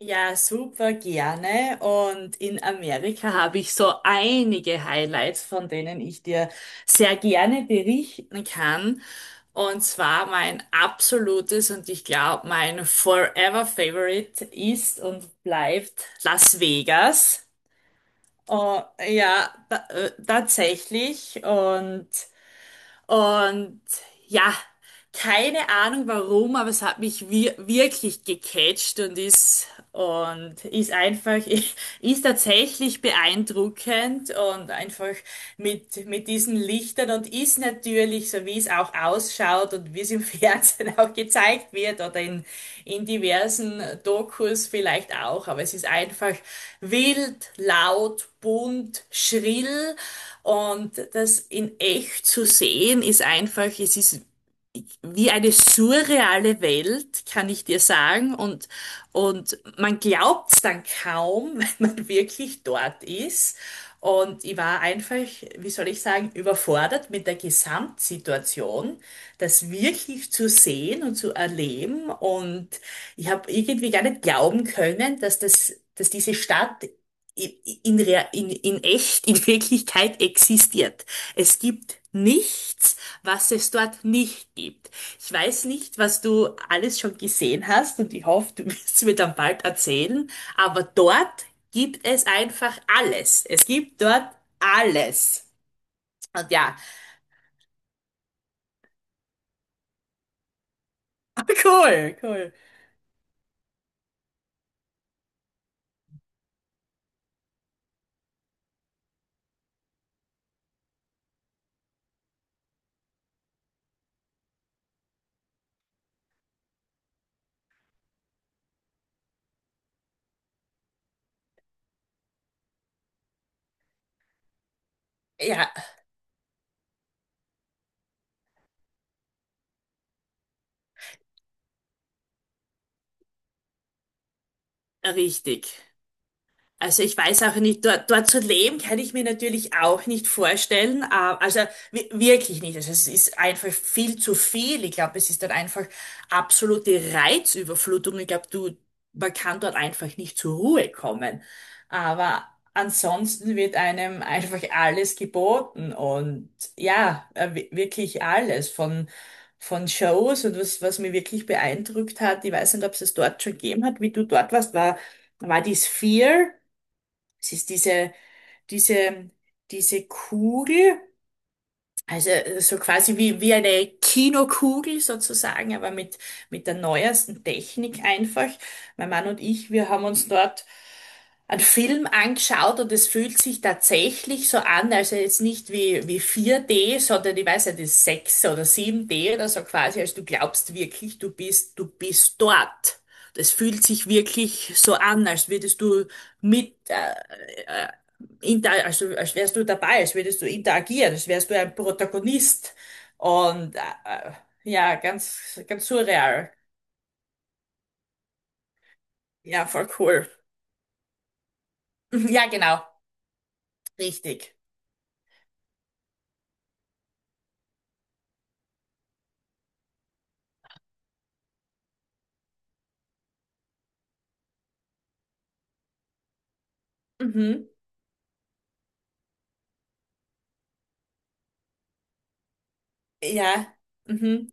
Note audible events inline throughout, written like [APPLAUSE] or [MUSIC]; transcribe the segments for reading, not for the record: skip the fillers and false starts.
Ja, super gerne. Und in Amerika habe ich so einige Highlights, von denen ich dir sehr gerne berichten kann. Und zwar mein absolutes und ich glaube mein Forever Favorite ist und bleibt Las Vegas. Oh, ja, tatsächlich. Und ja, keine Ahnung warum, aber es hat mich wirklich gecatcht und ist einfach [LAUGHS] ist tatsächlich beeindruckend und einfach mit diesen Lichtern und ist natürlich so wie es auch ausschaut und wie es im [LAUGHS] Fernsehen auch gezeigt wird oder in diversen Dokus vielleicht auch. Aber es ist einfach wild, laut, bunt, schrill und das in echt zu sehen ist einfach, es ist wie eine surreale Welt, kann ich dir sagen. Und man glaubt's dann kaum, [LAUGHS] wenn man wirklich dort ist. Und ich war einfach, wie soll ich sagen, überfordert mit der Gesamtsituation, das wirklich zu sehen und zu erleben. Und ich habe irgendwie gar nicht glauben können, dass das, dass diese Stadt in, Rea- in echt, in Wirklichkeit existiert. Es gibt nichts, was es dort nicht gibt. Ich weiß nicht, was du alles schon gesehen hast und ich hoffe, du [LAUGHS] wirst es mir dann bald erzählen, aber dort gibt es einfach alles. Es gibt dort alles. Und ja, [LAUGHS] cool, cool. Ja, richtig. Also ich weiß auch nicht, dort, dort zu leben kann ich mir natürlich auch nicht vorstellen. Also wirklich nicht. Also es ist einfach viel zu viel. Ich glaube, es ist dort einfach absolute Reizüberflutung. Ich glaube, du, man kann dort einfach nicht zur Ruhe kommen. Aber ansonsten wird einem einfach alles geboten und ja, wirklich alles von Shows und was, was mir wirklich beeindruckt hat, ich weiß nicht, ob es dort schon gegeben hat, wie du dort warst, war die Sphere. Es ist diese, diese Kugel, also so quasi wie, wie eine Kinokugel sozusagen, aber mit der neuesten Technik einfach. Mein Mann und ich, wir haben uns dort einen Film angeschaut und es fühlt sich tatsächlich so an, also jetzt nicht wie 4D, sondern ich weiß nicht, das ist 6 oder 7D oder so quasi, als du glaubst wirklich, du bist dort. Das fühlt sich wirklich so an, als würdest du mit, inter also als wärst du dabei, als würdest du interagieren, als wärst du ein Protagonist. Und ja, ganz, ganz surreal. Ja, voll cool. [LAUGHS] Ja, genau. Richtig. Mhm. Ja. Mhm.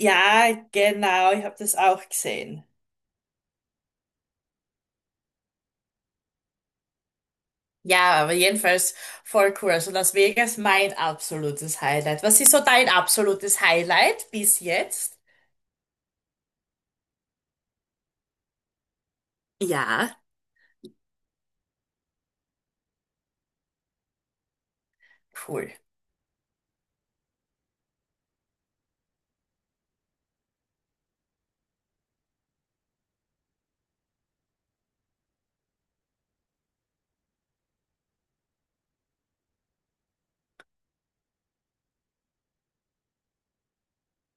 Ja, genau. Ich habe das auch gesehen. Ja, aber jedenfalls voll cool. Also Las Vegas, mein absolutes Highlight. Was ist so dein absolutes Highlight bis jetzt? Ja. Cool.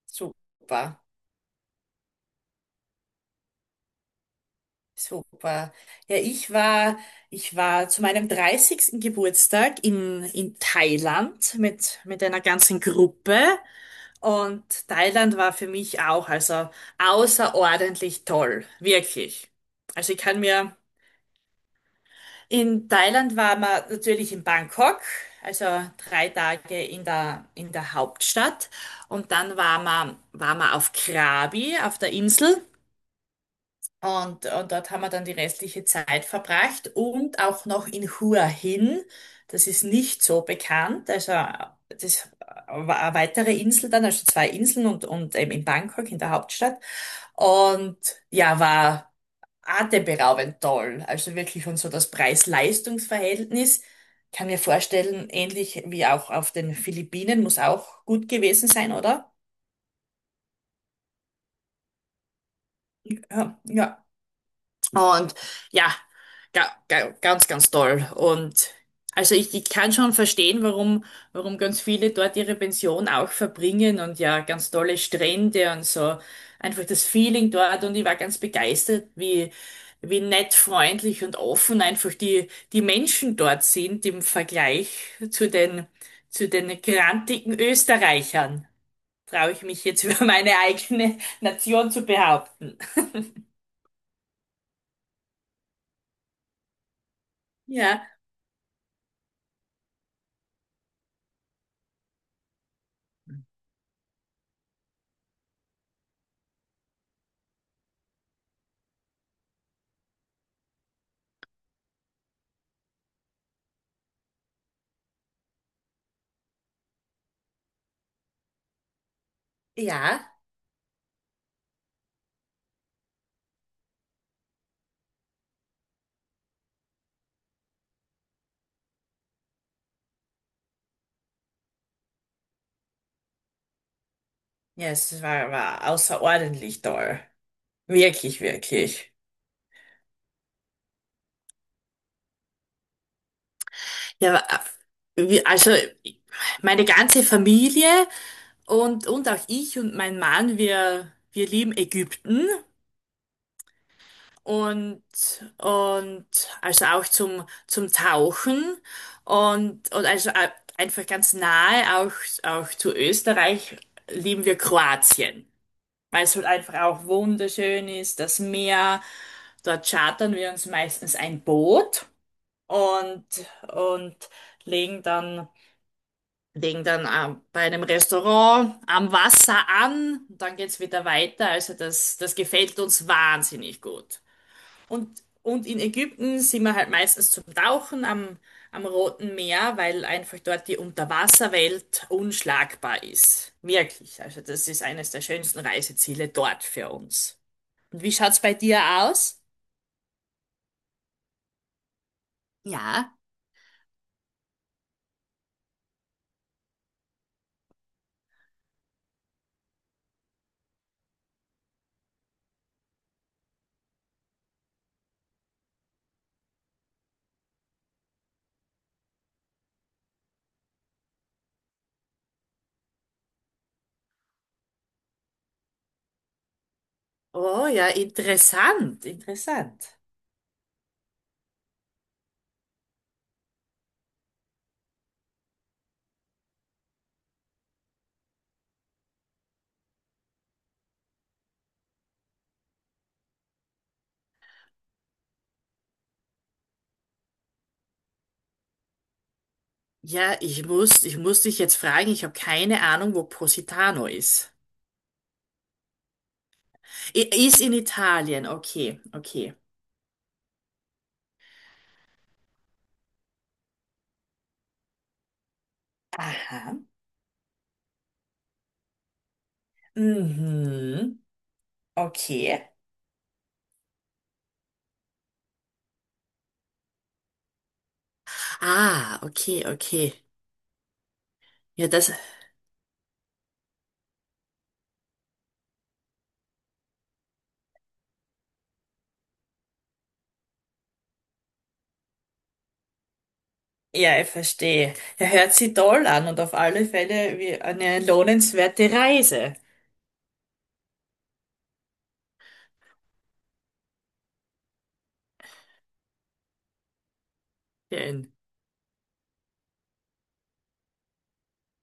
Super. Super. Ja, ich war zu meinem 30. Geburtstag in Thailand mit einer ganzen Gruppe und Thailand war für mich auch also außerordentlich toll, wirklich. Also ich kann mir, in Thailand war man natürlich in Bangkok, also 3 Tage in der Hauptstadt und dann war man auf Krabi, auf der Insel. Und dort haben wir dann die restliche Zeit verbracht und auch noch in Hua Hin. Das ist nicht so bekannt. Also das war eine weitere Insel dann, also 2 Inseln und eben in Bangkok, in der Hauptstadt. Und ja, war atemberaubend toll. Also wirklich und so das Preis-Leistungs-Verhältnis. Kann mir vorstellen, ähnlich wie auch auf den Philippinen, muss auch gut gewesen sein, oder? Ja, ja. Und ja, ganz, ganz toll. Und also ich kann schon verstehen, warum ganz viele dort ihre Pension auch verbringen und ja, ganz tolle Strände und so. Einfach das Feeling dort und ich war ganz begeistert, wie nett, freundlich und offen einfach die Menschen dort sind im Vergleich zu den, zu den grantigen Österreichern. Traue ich mich jetzt [LAUGHS] über meine eigene Nation zu behaupten. Ja, ja. Ja, es war, war außerordentlich toll. Wirklich, wirklich. Ja, also meine ganze Familie und auch ich und mein Mann, wir lieben Ägypten und, und also auch zum Tauchen und also einfach ganz nahe auch, zu Österreich lieben wir Kroatien, weil es halt einfach auch wunderschön ist, das Meer. Dort chartern wir uns meistens ein Boot. und, und legen dann, legen dann bei einem Restaurant am Wasser an. Dann geht's wieder weiter. Also das, das gefällt uns wahnsinnig gut. Und in Ägypten sind wir halt meistens zum Tauchen am Roten Meer, weil einfach dort die Unterwasserwelt unschlagbar ist. Wirklich. Also das ist eines der schönsten Reiseziele dort für uns. Und wie schaut's bei dir aus? Ja. Oh ja, interessant, interessant. Ja, ich muss dich jetzt fragen, ich habe keine Ahnung, wo Positano ist. I ist in Italien, okay, okay. Aha. Mhm. Okay. Ah, okay, okay. Ja, das, ja, ich verstehe. Er hört sie toll an und auf alle Fälle wie eine lohnenswerte Reise. Ja,